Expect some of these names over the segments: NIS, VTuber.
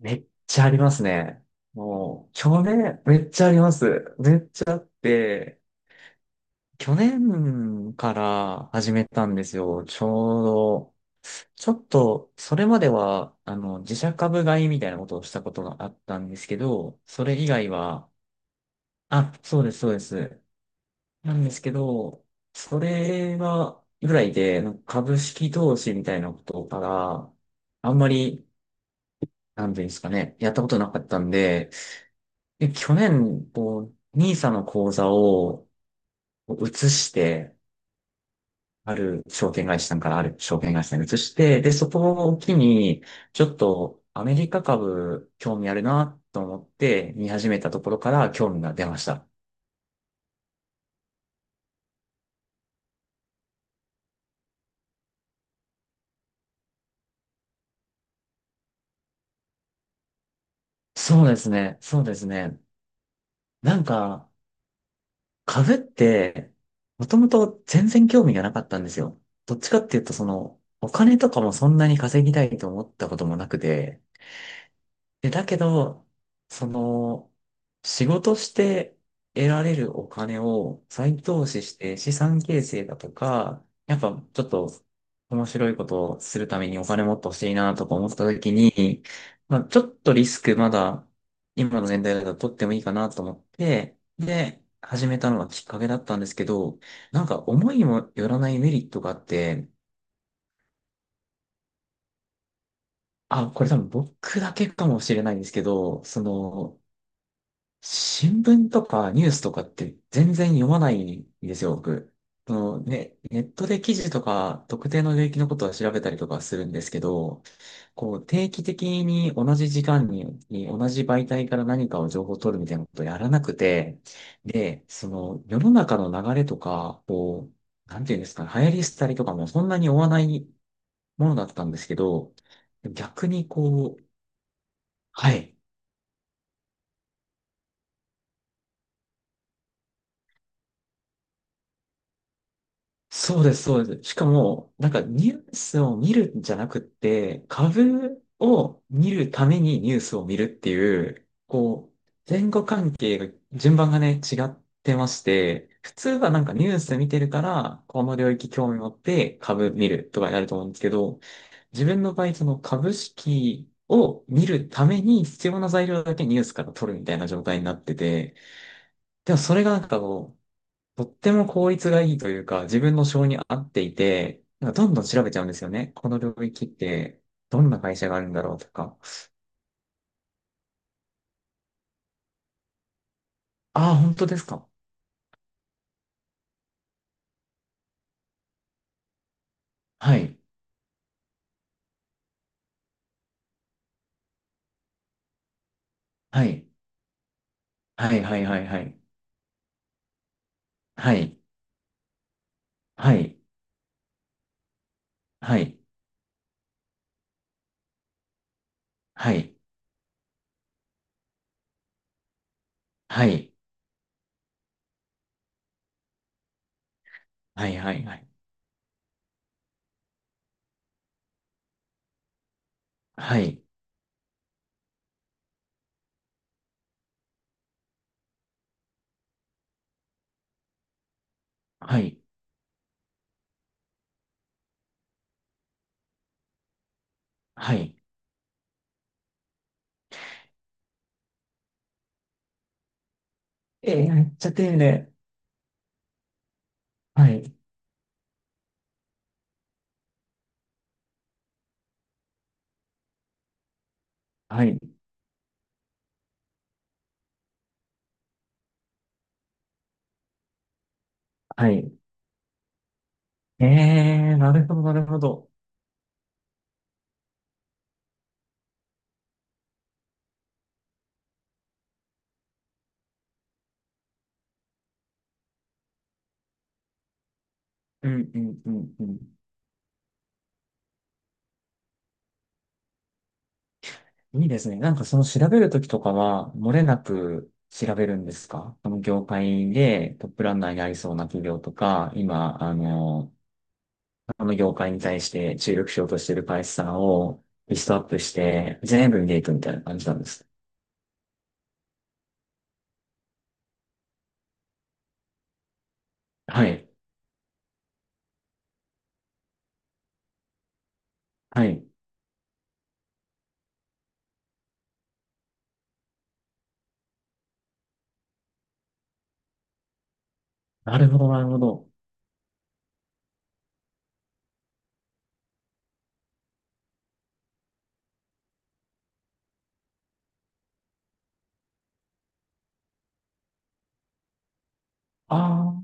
めっちゃありますね。もう、去年、めっちゃあります。めっちゃあって、去年から始めたんですよ。ちょうど、ちょっと、それまでは、自社株買いみたいなことをしたことがあったんですけど、それ以外は、あ、そうです。なんですけど、それは、ぐらいで、なんか株式投資みたいなことから、あんまり、なんていうんですかね、やったことなかったんで、で、去年、こう、n i s の口座を移して、ある証券会社さんからある証券会社さんに移して、で、そこを機に、ちょっとアメリカ株興味あるなと思って見始めたところから興味が出ました。そうですね。なんか、株って、もともと全然興味がなかったんですよ。どっちかっていうと、その、お金とかもそんなに稼ぎたいと思ったこともなくて、で、だけど、その、仕事して得られるお金を再投資して資産形成だとか、やっぱちょっと面白いことをするためにお金もっと欲しいなとか思った時に、まあ、ちょっとリスクまだ今の年代だと取ってもいいかなと思って、で、始めたのがきっかけだったんですけど、なんか思いもよらないメリットがあって、あ、これ多分僕だけかもしれないんですけど、その、新聞とかニュースとかって全然読まないんですよ、僕。そのね、ネットで記事とか特定の領域のことは調べたりとかするんですけど、こう定期的に同じ時間に、に同じ媒体から何かを情報を取るみたいなことをやらなくて、で、その世の中の流れとか、こう、なんていうんですかね、流行り廃りとかもそんなに追わないものだったんですけど、逆にこう、はい。そうです。しかも、なんかニュースを見るんじゃなくって、株を見るためにニュースを見るっていう、こう、前後関係が、順番がね、違ってまして、普通はなんかニュース見てるから、この領域興味持って株見るとかやると思うんですけど、自分の場合、その株式を見るために必要な材料だけニュースから取るみたいな状態になってて、でもそれがなんかこう、とっても効率がいいというか、自分の性に合っていて、なんかどんどん調べちゃうんですよね。この領域って、どんな会社があるんだろうとか。ああ、本当ですか。はい。はい。はい、はい、はい、はい。はい。はい。はい。はい。はい。はい、はい、はい。はい。はい。はい。えー、めっちゃ丁寧。はい。はい。はい。えー、なるほど、なるほど。うん、うん、うん、うん。いいですね。なんかその調べるときとかは、漏れなく調べるんですか？この業界でトップランナーになりそうな企業とか、今、この業界に対して注力しようとしている会社さんをリストアップして、全部見ていくみたいな感じなんです。はい。はい。なるほど、なるほど。あ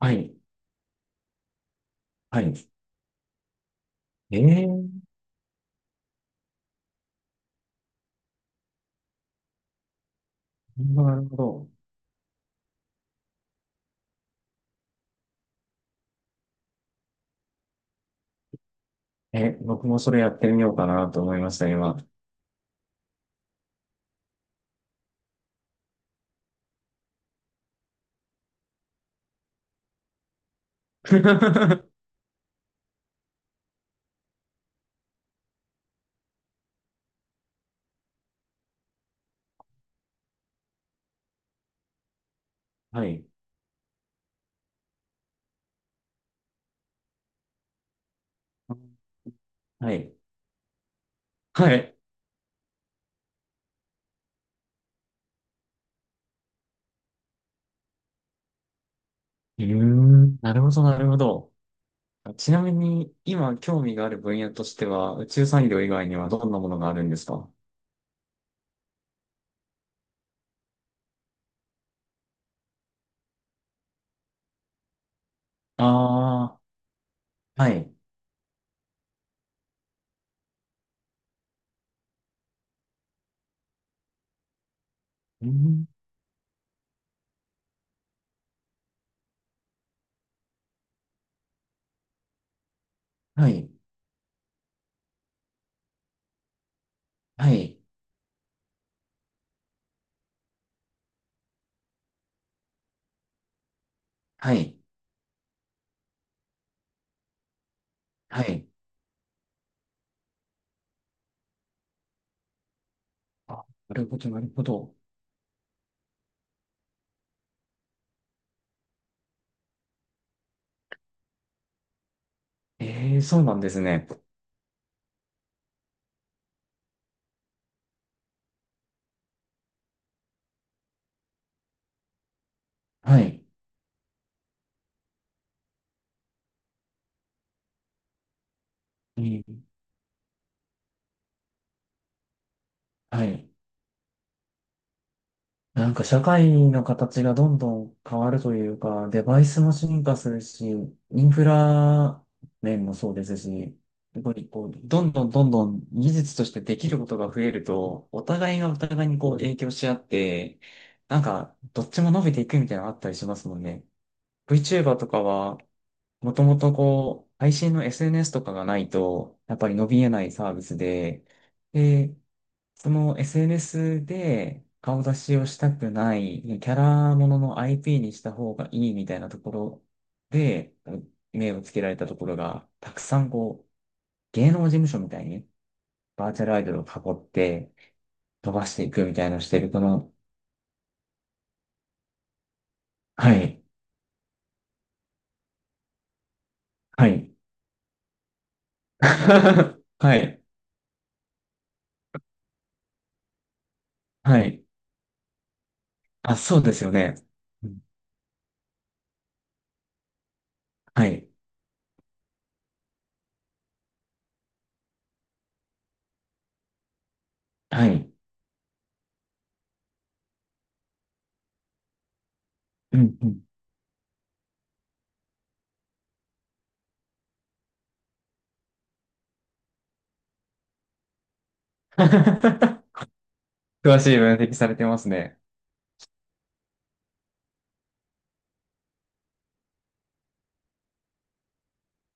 あ、はい。はい。ええー、なるほど。え、僕もそれやってみようかなと思いました、今。はい。はい。はい。うーん、なるほど、なるほど。ちなみに、今興味がある分野としては、宇宙産業以外にはどんなものがあるんですか？ああー、はい。うん、はい、はい、はい、はい。あ、なるほど、なるほど。ええ、そうなんですね。はい。うん、はい。なんか社会の形がどんどん変わるというか、デバイスも進化するし、インフラ面もそうですし、やっぱりこう、どんどんどんどん技術としてできることが増えると、お互いがお互いにこう影響し合って、なんかどっちも伸びていくみたいなのあったりしますもんね。VTuber とかは、もともとこう、配信の SNS とかがないと、やっぱり伸びえないサービスで、でその SNS で顔出しをしたくない、キャラものの IP にした方がいいみたいなところで、目をつけられたところが、たくさんこう、芸能事務所みたいにバーチャルアイドルを囲って飛ばしていくみたいなのをしてる、この、はい、はい、はい、はい。あ、そうですよね。うんはい、はい、うん、うん。詳しい分析されてますね。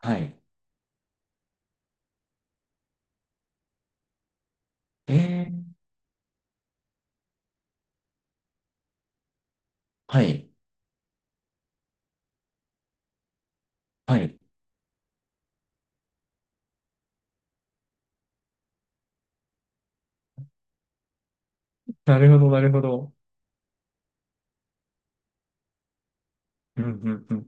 はい。えー、はい、はい。なるほど、なるほど。うん、うん、うん。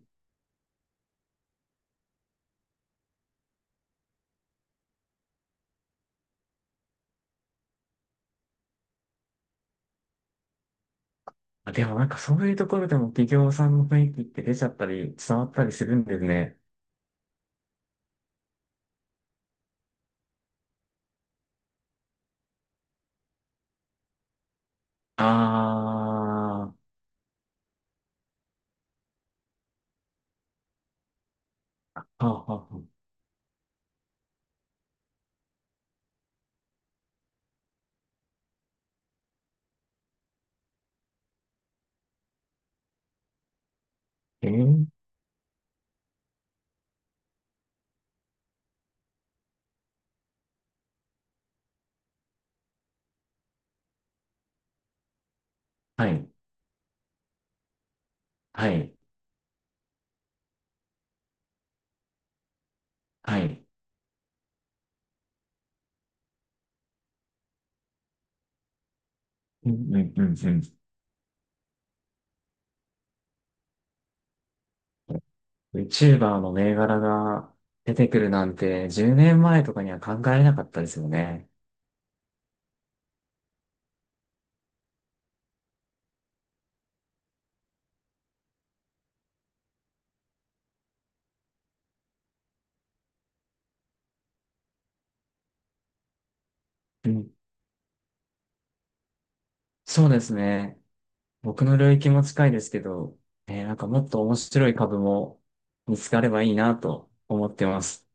あ、でもなんかそういうところでも企業さんの雰囲気って出ちゃったり、伝わったりするんですね。ああ、はあ、はあ、はえー、はい、はい、はい。うん、うん、うん、うん。VTuber の銘柄が出てくるなんて10年前とかには考えなかったですよね。うん、そうですね。僕の領域も近いですけど、えーなんかもっと面白い株も見つかればいいなと思ってます。